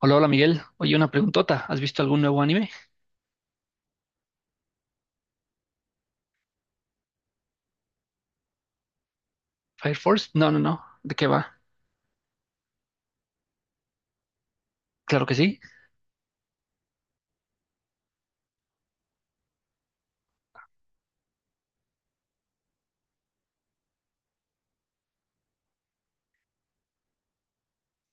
Hola, hola Miguel. Oye, una preguntota. ¿Has visto algún nuevo anime? ¿Fire Force? No, no, no. ¿De qué va? Claro que sí.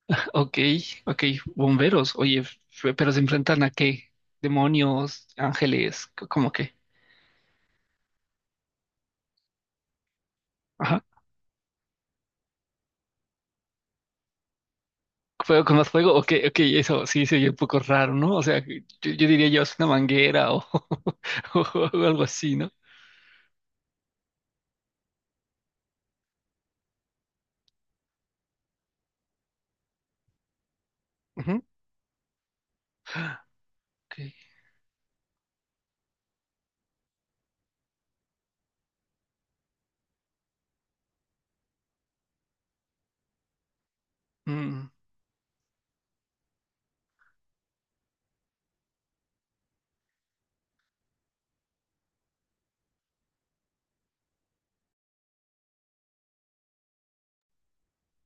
Ok, ok. Bomberos. Oye, pero ¿se enfrentan a qué? Demonios, ángeles, ¿cómo que? Ajá. ¿Fuego con más fuego? Ok, ok, eso sí se oye un poco raro, ¿no? O sea, yo diría yo es una manguera o algo así, ¿no? Ujú. Ok. Mm,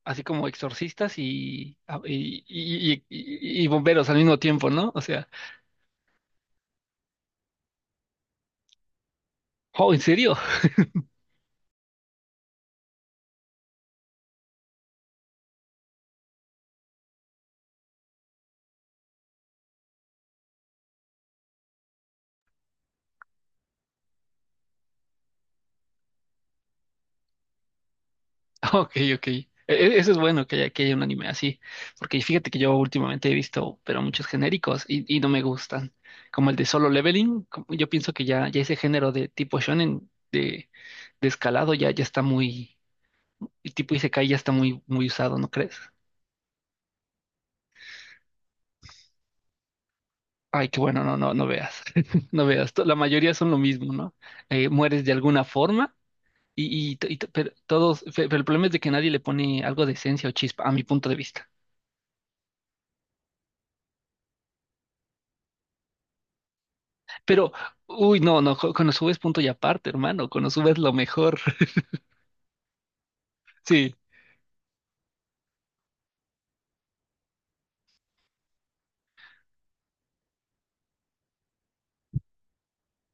Así como exorcistas y bomberos al mismo tiempo, ¿no? O sea, oh, ¿en serio? Ok, ok. Eso es bueno que haya un anime así, porque fíjate que yo últimamente he visto, pero muchos genéricos y no me gustan, como el de Solo Leveling, yo pienso que ya ese género de tipo shonen de escalado ya está el tipo Isekai ya está muy, muy usado, ¿no crees? Ay, qué bueno, no, no, no veas, no veas, la mayoría son lo mismo, ¿no? Mueres de alguna forma. Pero el problema es de que nadie le pone algo de esencia o chispa, a mi punto de vista. Pero, uy, no, no, con Konosuba es punto y aparte, hermano. Konosuba es lo mejor. Sí,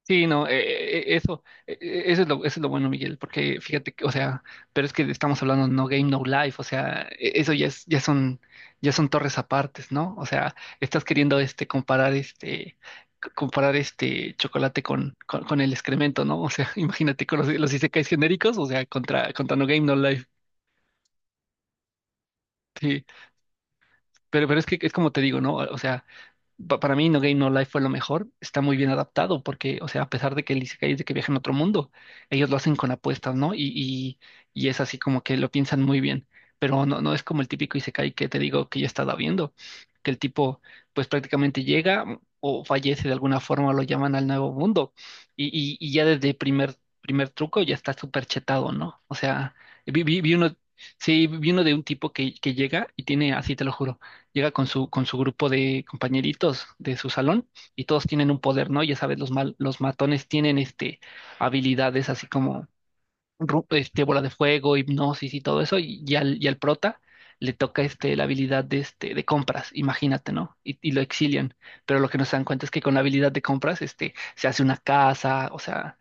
sí, no, eso es lo bueno, Miguel, porque fíjate que, o sea, pero es que estamos hablando No Game, No Life, o sea, eso ya son torres apartes, ¿no? O sea, estás queriendo este comparar este c- comparar este chocolate con, el excremento, ¿no? O sea, imagínate con los isekais genéricos, o sea, contra No Game, No Life. Sí. Pero es que es como te digo, ¿no? O sea, para mí No Game No Life fue lo mejor. Está muy bien adaptado porque, o sea, a pesar de que el Isekai es de que viaja en otro mundo, ellos lo hacen con apuestas, ¿no? Y es así como que lo piensan muy bien. Pero no, no es como el típico Isekai que te digo que yo he estado viendo, que el tipo pues prácticamente llega o fallece de alguna forma, lo llaman al nuevo mundo. Y ya desde el primer truco ya está súper chetado, ¿no? O sea, vi uno, sí, vi uno de un tipo que llega y tiene, así te lo juro llega con su grupo de compañeritos de su salón y todos tienen un poder, ¿no? Ya sabes, los matones tienen habilidades así como bola de fuego, hipnosis y todo eso, y al prota le toca la habilidad de compras, imagínate, ¿no? Y lo exilian. Pero lo que no se dan cuenta es que con la habilidad de compras, se hace una casa, o sea,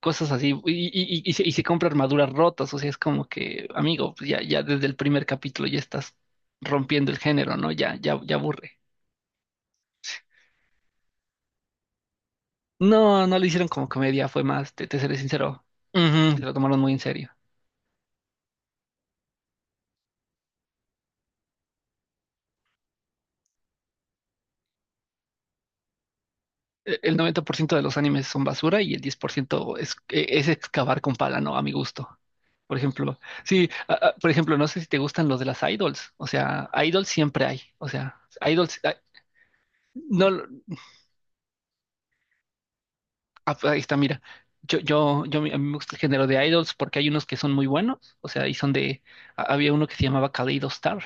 cosas así, y se compra armaduras rotas, o sea, es como que, amigo, pues ya desde el primer capítulo ya estás rompiendo el género, ¿no? Ya, ya, ya aburre. No, no lo hicieron como comedia, fue más, te seré sincero, ujú, se lo tomaron muy en serio. El 90% de los animes son basura y el 10% es, es excavar con pala, ¿no? A mi gusto. Por ejemplo, sí, por ejemplo, no sé si te gustan los de las idols, o sea, idols siempre hay, o sea, idols, no, ah, pues ahí está, mira. A mí me gusta el género de idols porque hay unos que son muy buenos, o sea, y son de, había uno que se llamaba Kaleido Star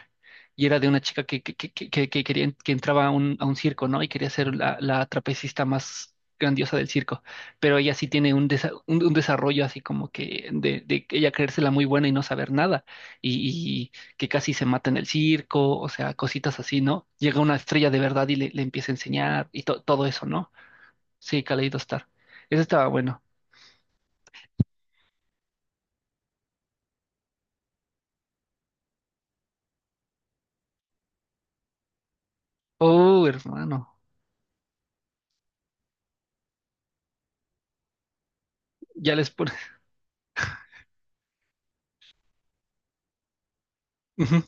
y era de una chica que entraba a un circo, ¿no? Y quería ser la trapecista más grandiosa del circo, pero ella sí tiene un desarrollo así como que de ella creérsela muy buena y no saber nada y que casi se mata en el circo, o sea, cositas así, ¿no? Llega una estrella de verdad y le empieza a enseñar y todo eso, ¿no? Sí, Kaleidostar. Ese estaba bueno. Hermano. Ya les pones. Ujú.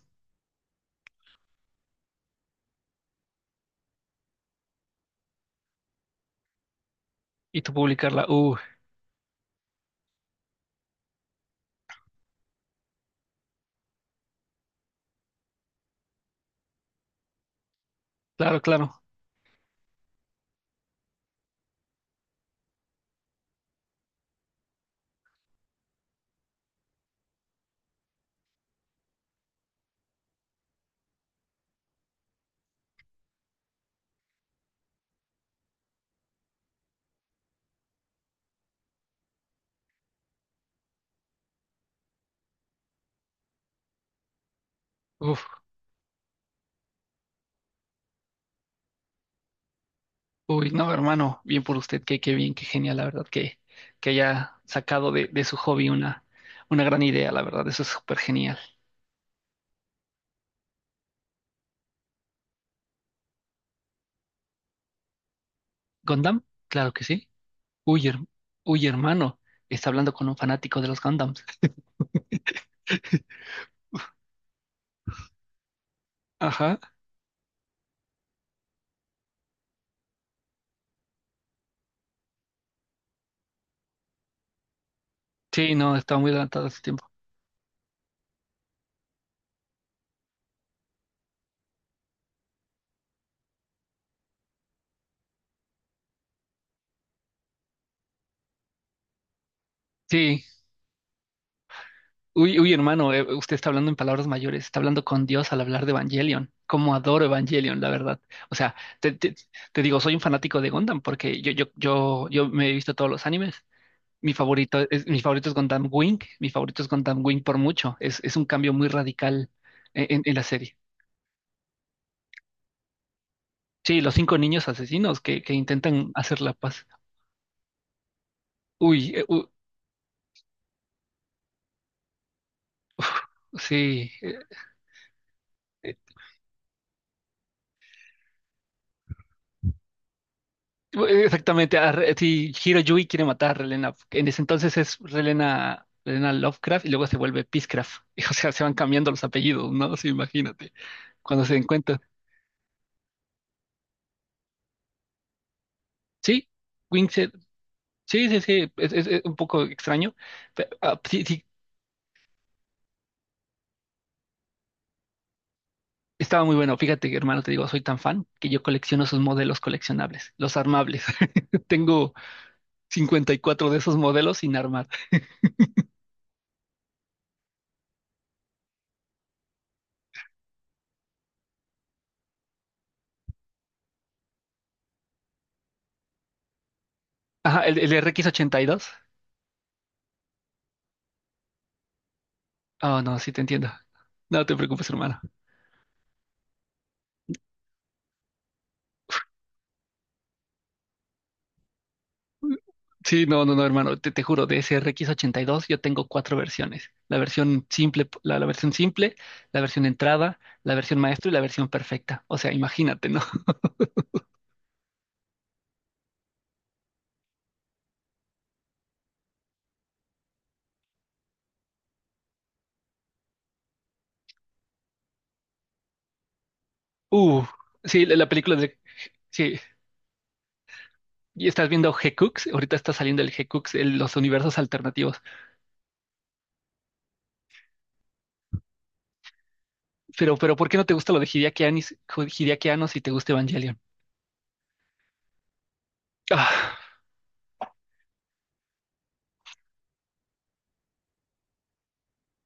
Y tú publicarla. Claro, claro. Uf, uy, no, hermano. Bien por usted. Qué bien, qué genial, la verdad, que haya sacado de su hobby una gran idea, la verdad. Eso es súper genial. ¿Gundam? Claro que sí. Uy, hermano. Está hablando con un fanático de los Gundams. Ajá. Sí, no, estaba muy adelantado a su tiempo. Sí. Uy, uy, hermano, usted está hablando en palabras mayores, está hablando con Dios al hablar de Evangelion. Cómo adoro Evangelion, la verdad. O sea, te, te- te digo, soy un fanático de Gundam porque yo me he visto todos los animes. Mi favorito es Gundam Wing, mi favorito es Gundam Wing por mucho. Es un cambio muy radical en la serie. Sí, los cinco niños asesinos que intentan hacer la paz. Uy, sí. eh, Exactamente, si Hiroyui quiere matar a Relena, en ese entonces es Relena Lovecraft y luego se vuelve Peacecraft. O sea, se van cambiando los apellidos, ¿no? Sí, imagínate, cuando se den cuenta. Sí, Wingset, sí, sí, sí, es un poco extraño. Pero, ah, sí, sí, estaba muy bueno. Fíjate, hermano, te digo, soy tan fan que yo colecciono sus modelos coleccionables, los armables. Tengo 54 de esos modelos sin armar. Ajá, el RX82. Oh, no, sí te entiendo. No te preocupes, hermano. Sí, no, no, no, hermano, te juro, de ese RX82, yo tengo cuatro versiones. La versión simple, la versión entrada, la versión maestro y la versión perfecta. O sea, imagínate, ¿no? Uh, sí, la película de... Sí, y estás viendo G-Cooks, ahorita está saliendo el G-Cooks, los universos alternativos. Pero, ¿por qué no te gusta lo de Hideaki Anno si te gusta Evangelion? Ah,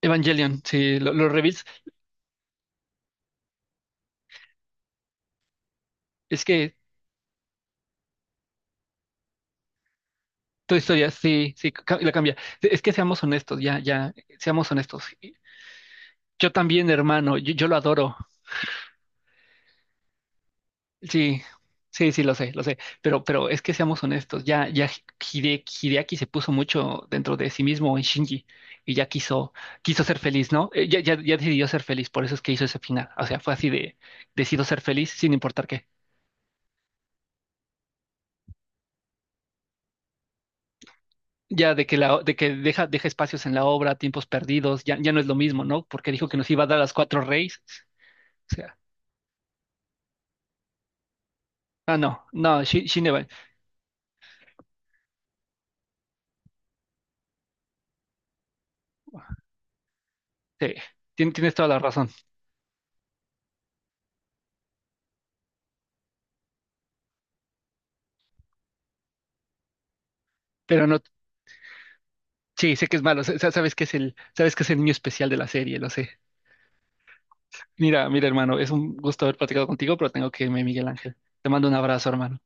Evangelion, sí, los reveals, es que... Toda historia, sí, sí, la cambia. Es que seamos honestos, ya, ya, seamos honestos. Yo también, hermano, yo lo adoro. Sí, sí, sí, lo sé, lo sé. Pero es que seamos honestos, ya, ya. Hideaki se puso mucho dentro de sí mismo en Shinji y ya quiso ser feliz, ¿no? Ya, ya, ya decidió ser feliz, por eso es que hizo ese final. O sea, fue así de, decido ser feliz sin importar qué. Ya de que deja espacios en la obra, tiempos perdidos, ya, ya no es lo mismo, ¿no? Porque dijo que nos iba a dar las cuatro reyes. O sea, ah, no, no, sí, tienes toda la razón. Pero no. Sí, sé que es malo, sabes que es el niño especial de la serie, lo sé. Mira, mira, hermano, es un gusto haber platicado contigo, pero tengo que irme, Miguel Ángel. Te mando un abrazo, hermano.